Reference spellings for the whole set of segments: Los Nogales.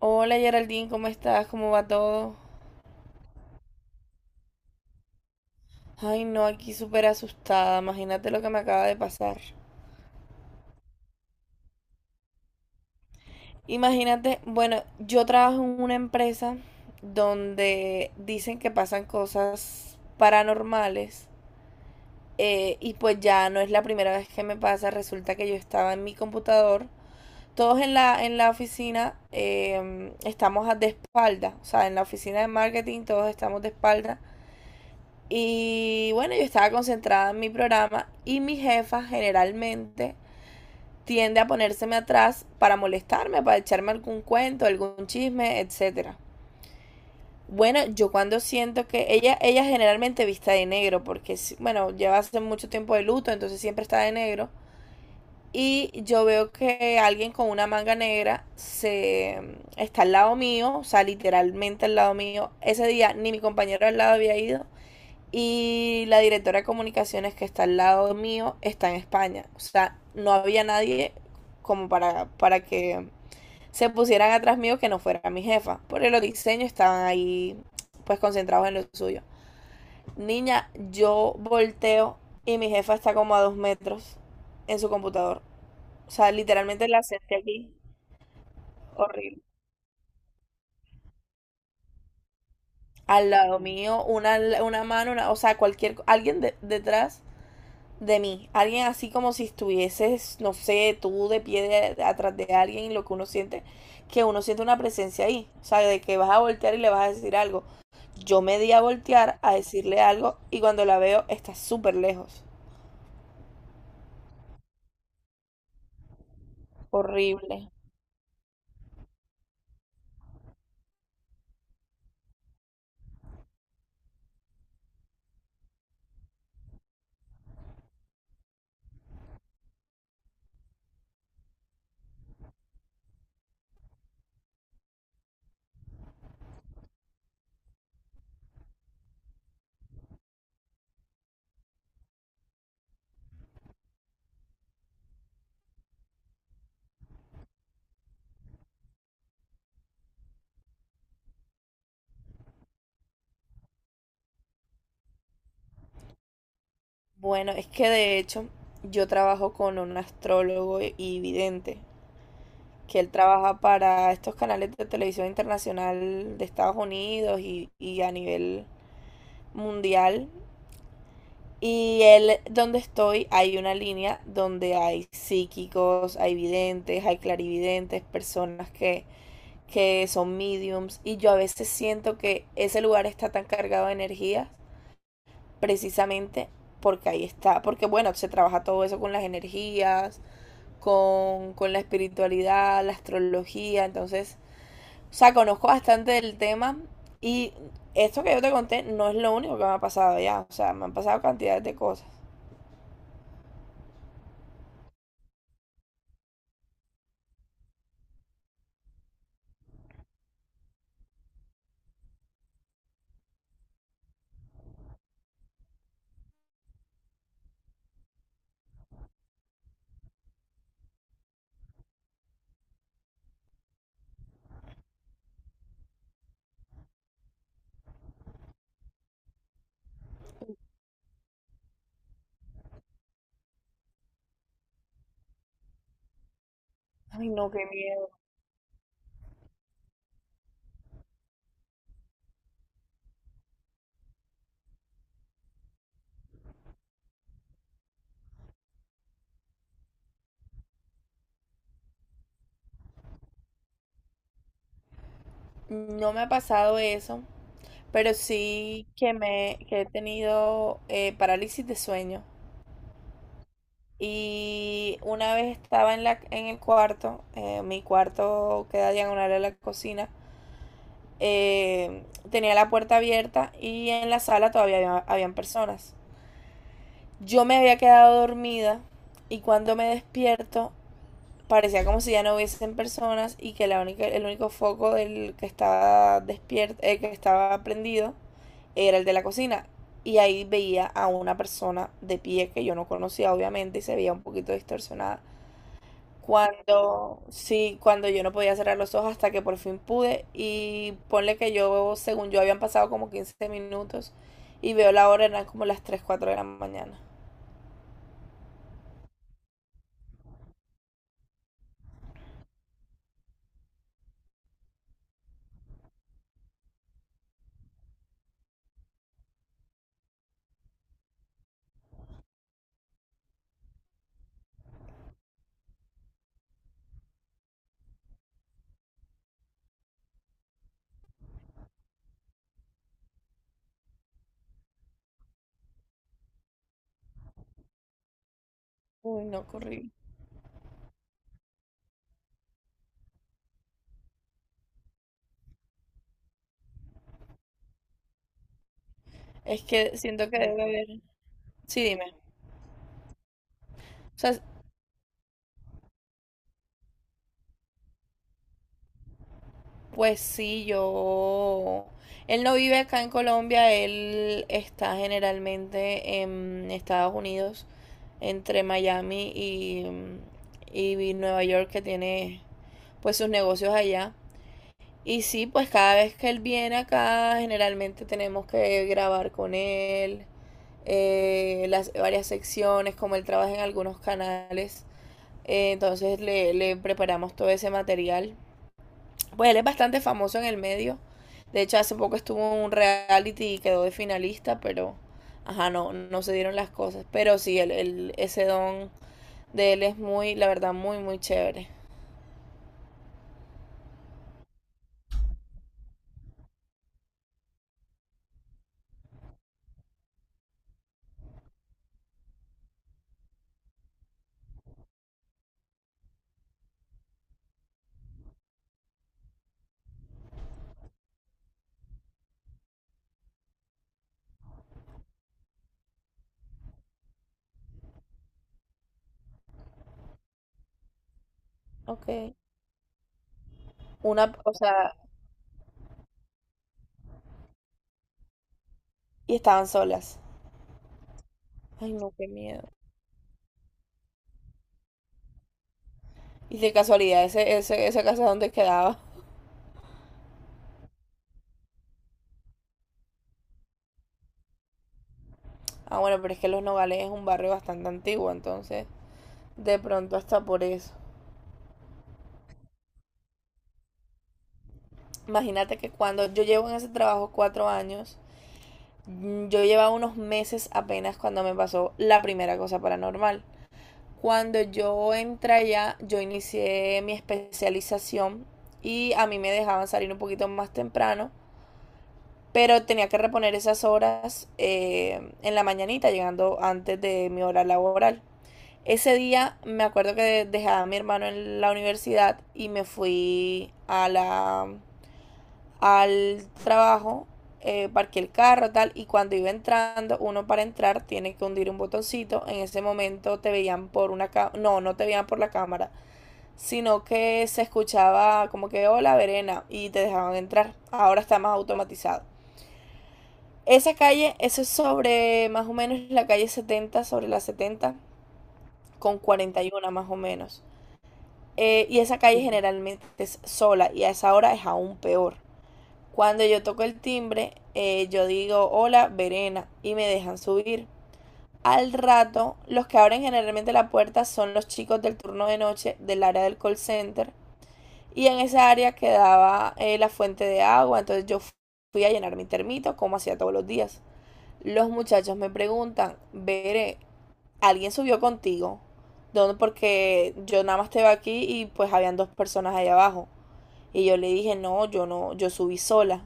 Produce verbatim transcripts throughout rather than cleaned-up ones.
Hola Geraldine, ¿cómo estás? ¿Cómo va todo? Ay, no, aquí súper asustada. Imagínate lo que me acaba de pasar. Imagínate, bueno, yo trabajo en una empresa donde dicen que pasan cosas paranormales, eh, y pues ya no es la primera vez que me pasa. Resulta que yo estaba en mi computador. Todos en la, en la oficina eh, estamos a- de espalda. O sea, en la oficina de marketing todos estamos de espalda. Y bueno, yo estaba concentrada en mi programa, y mi jefa generalmente tiende a ponérseme atrás para molestarme, para echarme algún cuento, algún chisme, etcétera. Bueno, yo cuando siento que ella, ella generalmente viste de negro, porque bueno, lleva hace mucho tiempo de luto, entonces siempre está de negro. Y yo veo que alguien con una manga negra se está al lado mío, o sea, literalmente al lado mío. Ese día ni mi compañero al lado había ido, y la directora de comunicaciones que está al lado mío está en España. O sea, no había nadie como para, para que se pusieran atrás mío que no fuera mi jefa. Porque los diseños estaban ahí pues concentrados en lo suyo. Niña, yo volteo y mi jefa está como a dos metros en su computador. O sea, literalmente la senté aquí. Horrible. Al lado mío, una, una mano, una, o sea, cualquier, alguien de- detrás de mí. Alguien así como si estuvieses, no sé, tú de pie de- de- atrás de alguien, lo que uno siente, que uno siente una presencia ahí. O sea, de que vas a voltear y le vas a decir algo. Yo me di a voltear a decirle algo y cuando la veo está súper lejos. Horrible. Bueno, es que de hecho yo trabajo con un astrólogo y vidente, que él trabaja para estos canales de televisión internacional de Estados Unidos y, y a nivel mundial. Y él, donde estoy, hay una línea donde hay psíquicos, hay videntes, hay clarividentes, personas que, que son mediums. Y yo a veces siento que ese lugar está tan cargado de energías, precisamente porque ahí está. Porque bueno, se trabaja todo eso con las energías, con, con la espiritualidad, la astrología. Entonces, o sea, conozco bastante del tema. Y esto que yo te conté no es lo único que me ha pasado ya. O sea, me han pasado cantidades de cosas. Ay, no, qué miedo. No me ha pasado eso, pero sí que me que he tenido eh, parálisis de sueño. Y una vez estaba en la en el cuarto, eh, mi cuarto queda diagonal a la cocina. eh, Tenía la puerta abierta y en la sala todavía había- habían personas. Yo me había quedado dormida y cuando me despierto parecía como si ya no hubiesen personas y que la única, el único foco del que estaba despierto, eh, que estaba prendido, era el de la cocina. Y ahí veía a una persona de pie que yo no conocía, obviamente, y se veía un poquito distorsionada. Cuando, sí, cuando yo no podía cerrar los ojos hasta que por fin pude. Y ponle que yo, según yo, habían pasado como quince minutos y veo la hora, eran como las tres cuatro de la mañana. Uy, no, corrí. Es que siento que debe haber. Sí, dime. O sea, pues sí, yo... Él no vive acá en Colombia, él está generalmente en Estados Unidos, entre Miami y, y Nueva York, que tiene pues sus negocios allá. Y sí, pues cada vez que él viene acá, generalmente tenemos que grabar con él, eh, las varias secciones, como él trabaja en algunos canales, eh, entonces le, le preparamos todo ese material. Pues él es bastante famoso en el medio. De hecho, hace poco estuvo en un reality y quedó de finalista, pero ajá, no, no se dieron las cosas. Pero sí, el, el- ese don de él es muy, la verdad, muy, muy chévere. Okay. Una, o sea, y estaban solas. Ay, no, qué miedo. Y de casualidad, ese, ese, esa casa donde quedaba. Ah, bueno, pero es que Los Nogales es un barrio bastante antiguo, entonces, de pronto hasta por eso. Imagínate que cuando yo llevo en ese trabajo cuatro años, mm, yo llevaba unos meses apenas cuando me pasó la primera cosa paranormal. Cuando yo entré allá, yo inicié mi especialización y a mí me dejaban salir un poquito más temprano, pero tenía que reponer esas horas eh, en la mañanita, llegando antes de mi hora laboral. Ese día me acuerdo que dejaba a mi hermano en la universidad y me fui a la al trabajo, eh, parqué el carro, tal, y cuando iba entrando, uno para entrar tiene que hundir un botoncito, en ese momento te veían por una cámara, no, no te veían por la cámara, sino que se escuchaba como que, hola, Verena, y te dejaban entrar, ahora está más automatizado. Esa calle, eso es sobre más o menos la calle setenta sobre la setenta con cuarenta y uno más o menos. Eh, y esa calle generalmente es sola y a esa hora es aún peor. Cuando yo toco el timbre, eh, yo digo hola, Verena, y me dejan subir. Al rato, los que abren generalmente la puerta son los chicos del turno de noche del área del call center. Y en esa área quedaba eh, la fuente de agua, entonces yo fui a llenar mi termito como hacía todos los días. Los muchachos me preguntan, Veré, ¿alguien subió contigo? ¿Dónde? Porque yo nada más estaba aquí y pues habían dos personas ahí abajo. Y yo le dije, no, yo no, yo subí sola.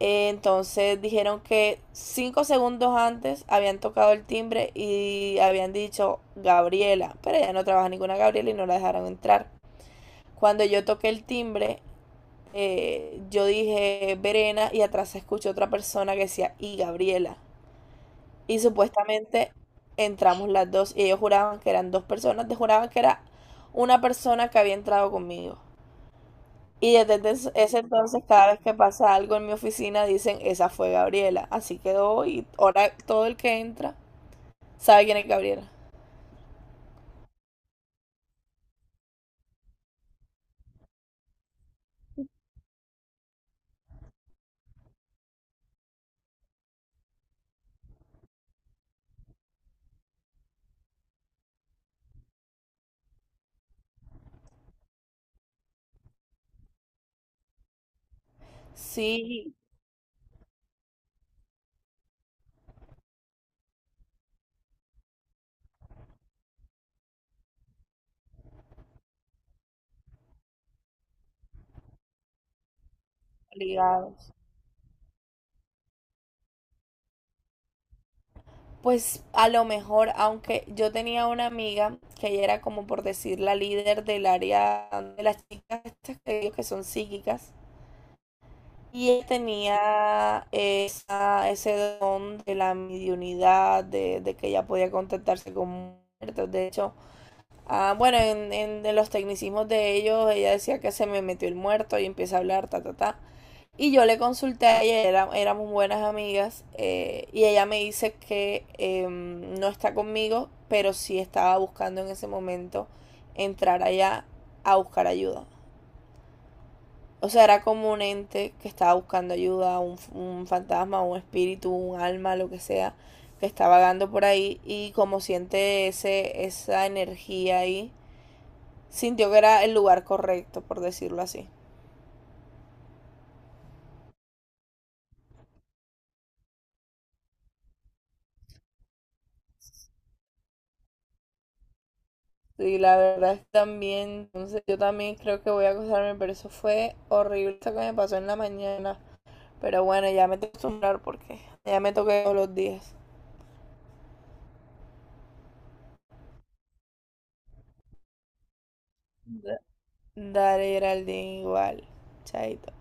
Eh, Entonces dijeron que cinco segundos antes habían tocado el timbre y habían dicho Gabriela, pero ella no trabaja ninguna Gabriela y no la dejaron entrar. Cuando yo toqué el timbre, eh, yo dije Verena y atrás se escuchó otra persona que decía y Gabriela. Y supuestamente entramos las dos y ellos juraban que eran dos personas, juraban que era una persona que había entrado conmigo. Y desde ese ese entonces, cada vez que pasa algo en mi oficina, dicen, esa fue Gabriela. Así quedó y ahora todo el que entra sabe quién es Gabriela. Sí, ligados. Pues a lo mejor, aunque yo tenía una amiga que ella era como por decir la líder del área de las chicas estas que digo que son psíquicas. Y ella tenía esa- ese don de la mediunidad, de, de que ella podía contactarse con muertos. De hecho, ah, bueno, en, en- en los tecnicismos de ellos, ella decía que se me metió el muerto y empieza a hablar, ta, ta, ta. Y yo le consulté a ella, era- éramos buenas amigas, eh, y ella me dice que em, no está conmigo, pero sí estaba buscando en ese momento entrar allá a buscar ayuda. O sea, era como un ente que estaba buscando ayuda, un, f- un fantasma, un espíritu, un alma, lo que sea, que está vagando por ahí y como siente ese, esa energía ahí sintió que era el lugar correcto, por decirlo así. Y la verdad es que también, entonces yo también creo que voy a acostarme, pero eso fue horrible eso que me pasó en la mañana. Pero bueno, ya me tengo que acostumbrar porque ya me toqué todos los días. Dale, Geraldine, igual. Chaito.